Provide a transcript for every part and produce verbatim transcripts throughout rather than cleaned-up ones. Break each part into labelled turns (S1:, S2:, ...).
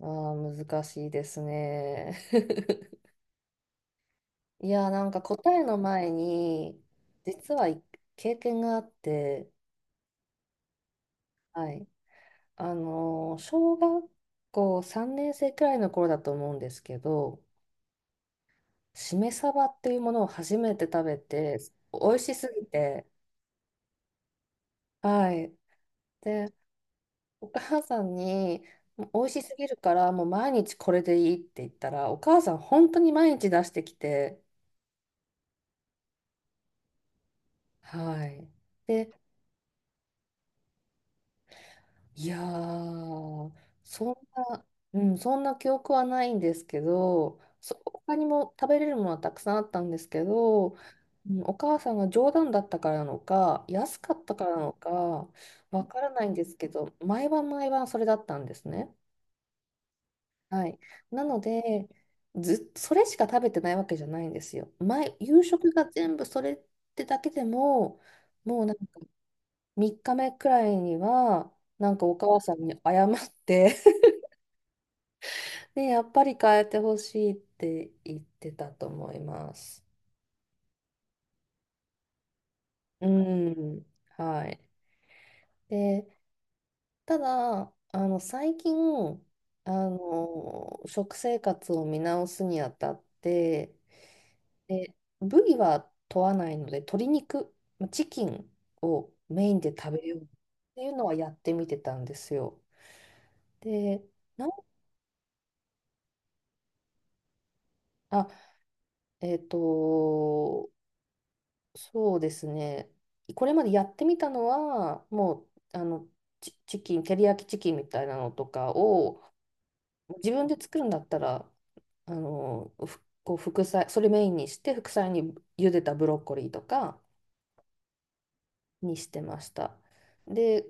S1: ああ、難しいですね。いや、なんか答えの前に、実はい経験があって、はい。あの小学校さんねんせい生くらいの頃だと思うんですけど、しめ鯖っていうものを初めて食べて、美味しすぎて、はい。で、お母さんに、美味しすぎるから、もう毎日これでいいって言ったら、お母さん本当に毎日出してきて、はい。いやー、そんな、うん、そんな記憶はないんですけど、そ他にも食べれるものはたくさんあったんですけど、うんお母さんが冗談だったからなのか、安かったからなのか、わからないんですけど、毎晩毎晩それだったんですね。はい。なので、ずっとそれしか食べてないわけじゃないんですよ。毎、夕食が全部それってだけでも、もうなんかみっかめくらいには、なんかお母さんに謝って、で、やっぱり変えてほしいって言ってたと思います。うん、はい。で、ただ、あの、最近、あの、食生活を見直すにあたって、で、部位は問わないので、鶏肉、まチキンをメインで食べようっていうのはやってみてたんですよ。で、なん、あ、えっと、そうですね。これまでやってみたのは、もう、あの、チ、チキン、照り焼きチキンみたいなのとかを、自分で作るんだったら、あの、ふこう副菜、それメインにして、副菜に茹でたブロッコリーとかにしてました。で、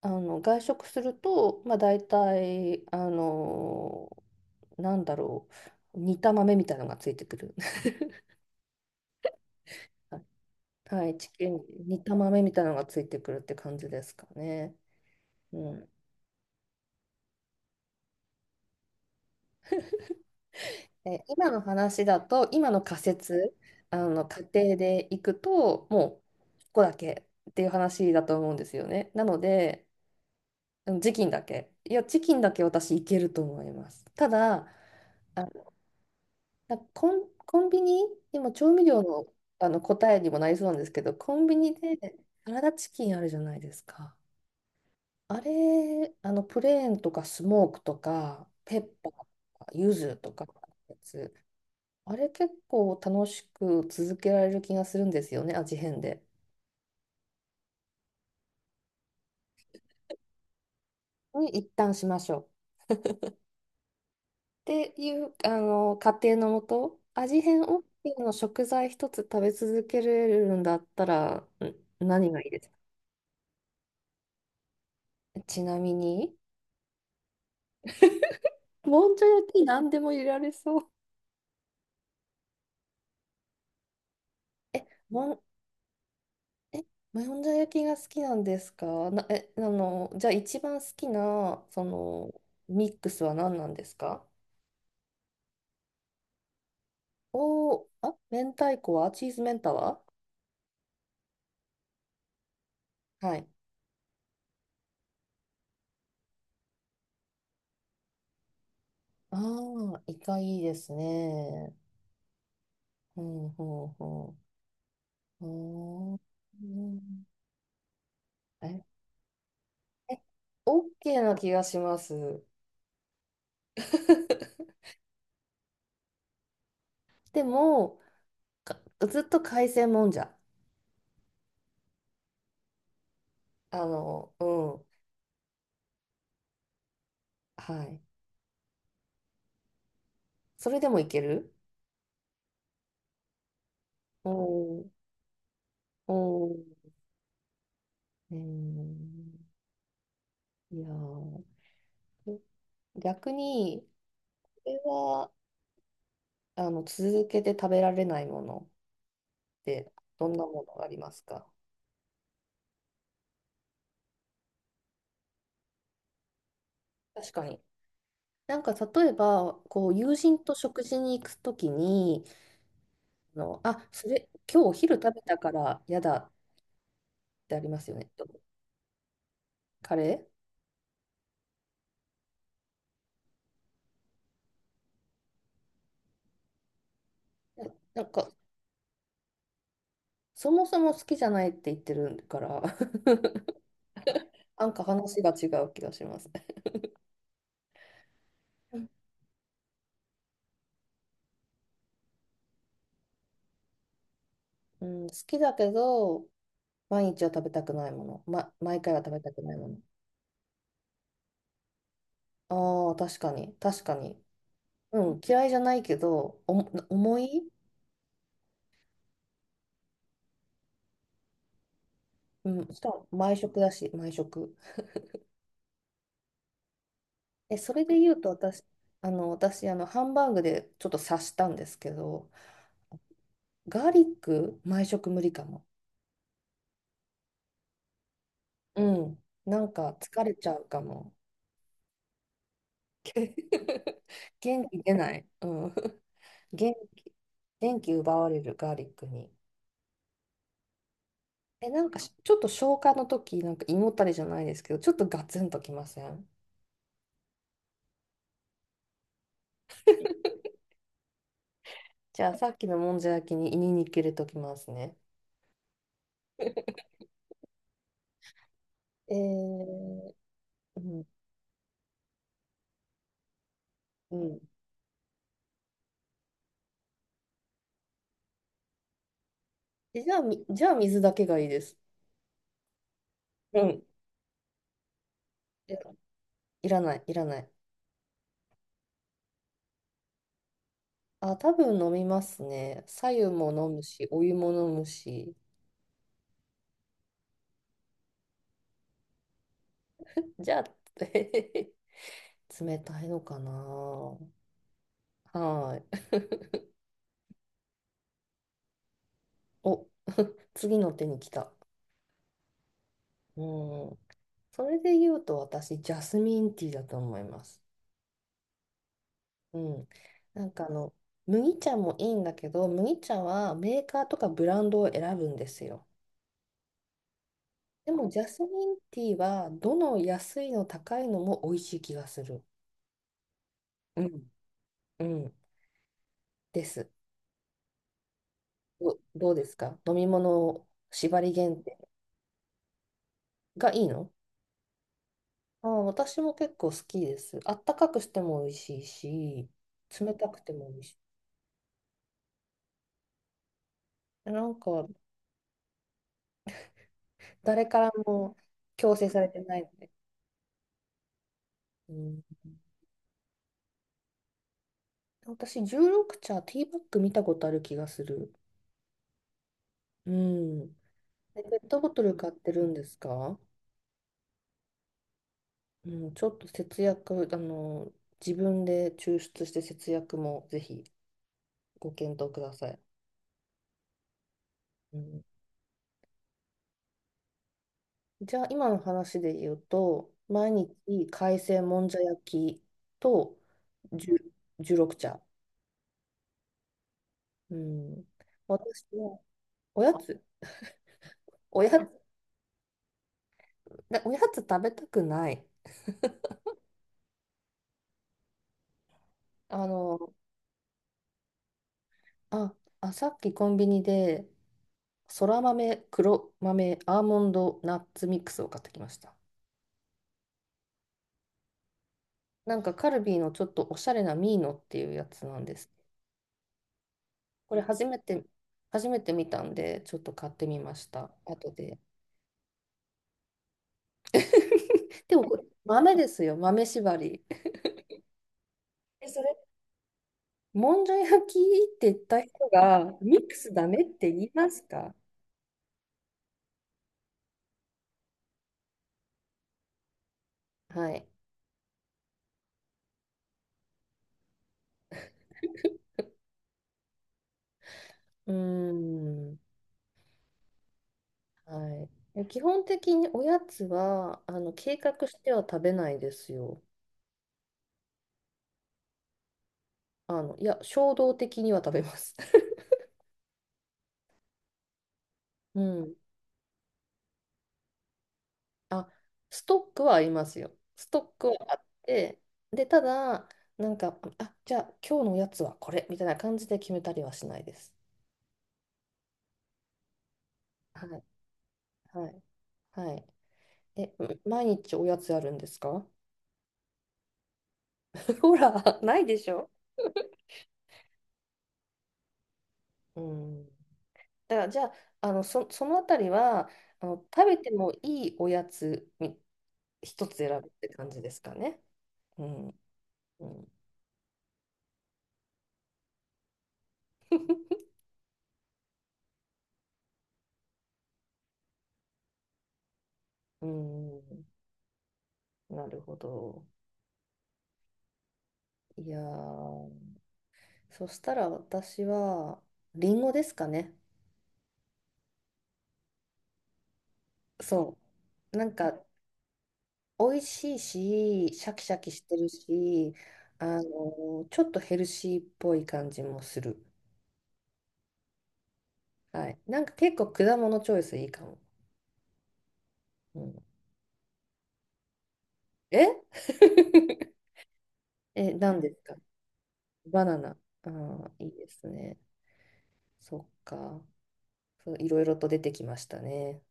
S1: あの、外食すると、まあ大体、あの、なんだろう、煮た豆みたいなのがついてくる。はい、チキン、煮た豆みたいなのがついてくるって感じですかね。うんで、今の話だと、今の仮説、あの仮定でいくと、もうここだけっていう話だと思うんですよね。なので、うんチキンだけ。いや、チキンだけ私いけると思います。ただ、あ、なコン、コンビニ、今調味料の、あの答えにもなりそうなんですけど、コンビニでサラダチキンあるじゃないですか。あれ、あのプレーンとかスモークとか、ペッパーとか、柚子とかのやつ。あれ結構楽しく続けられる気がするんですよね、味変で。に一旦しましょう。っていう、あの、仮定のもと、味変 OK の食材一つ食べ続けれるんだったら、ん何がいいですか？ちなみに、もんじゃ焼き何でも入れられそう。え、もん、え、もんじゃ焼きが好きなんですか？な、え、あの、じゃあ一番好きな、その、ミックスは何なんですか？おー、あ、明太子はチーズメンタは？はい。ああ、イカいいですね。うん、ほうほう。ほううん。え、え、OK な気がします。でも、かずっと海鮮もんじゃ。あの、うん。はい。それでもいける。おー、おー、えー、いやー、逆に、これは、あの、続けて食べられないものって、どんなものがありますか？確かに、なんか例えば、こう友人と食事に行くときに、あの、あ、それ、今日お昼食べたから嫌だってありますよね。カレーななんか、そもそも好きじゃないって言ってるから、なんか話が違う気がします。うん。 うん、好きだけど、毎日は食べたくないもの。ま、毎回は食べたくないもの。ああ、確かに、確かに。うん、嫌いじゃないけど、おも、重い。うん、しかも毎食だし、毎食。え、それで言うと私、あの、私、あの、ハンバーグでちょっと刺したんですけど、ガーリック、毎食無理かも。うん。なんか疲れちゃうかも。け 元気出ない。うん。元気、元気奪われるガーリックに。え、なんかしちょっと消化の時、なんか胃もたれじゃないですけど、ちょっとガツンときません？じゃあさっきのもんじゃ焼きに胃に入れときますね。えー、うん、うん。えじゃあ、み、じゃあ水だけがいいです。うんえいらない、いらない。あ、多分飲みますね。白湯も飲むし、お湯も飲むし。じゃあ、冷たいのかな。はい。お、次の手に来た。うん。それで言うと、私、ジャスミンティーだと思います。うん。なんかあの、麦茶もいいんだけど、麦茶はメーカーとかブランドを選ぶんですよ。でも、ジャスミンティーは、どの安いの高いのも美味しい気がする。うん。うん。です。ど、どうですか飲み物縛り限定がいいの？ああ、私も結構好きです。あったかくしても美味しいし、冷たくても美味しい。なんか、誰からも強制されてないので。うん、私、じゅうろくちゃ茶、ティーバッグ見たことある気がする。うん。で、ペットボトル買ってるんですか？うん、ちょっと節約、あの、自分で抽出して節約もぜひご検討ください。うん。じゃあ今の話で言うと、毎日海鮮もんじゃ焼きとじゅじゅうろく茶。うん。私はおやつ、おやつ、なおやつ食べたくない。あの、あ、あ、さっきコンビニで、そら豆、黒豆、アーモンド、ナッツミックスを買ってきました。なんかカルビーのちょっとおしゃれなミーノっていうやつなんです。これ初めて、初めて見たんで、ちょっと買ってみました。後で、でもこれ豆ですよ、豆縛り。え、それ、もんじゃ焼きって言った人が、ミックスダメって言いますか？はい。うーん。はい。基本的におやつは、あの、計画しては食べないですよ。あの、いや、衝動的には食べます。うん。あ、ストックはありますよ。ストックはあって、で、ただ、なんか、あ、じゃあ今日のおやつはこれみたいな感じで決めたりはしないです。はい。はい。はい。え、う毎日おやつあるんですか？ ほら、ないでしょ？うん。だから、じゃあ、あの、そ、そのあたりは、あの、食べてもいいおやつに一つ選ぶって感じですかね。うん。うん。うん。なるほど。いやー、そしたら私は、りんごですかね。そう。なんか、美味しいし、シャキシャキしてるし、あの、ちょっとヘルシーっぽい感じもする。はい。なんか結構果物チョイスいいかも。うん、え。 え、何ですか？バナナ。ああ、いいですね。そっか。そう、いろいろと出てきましたね。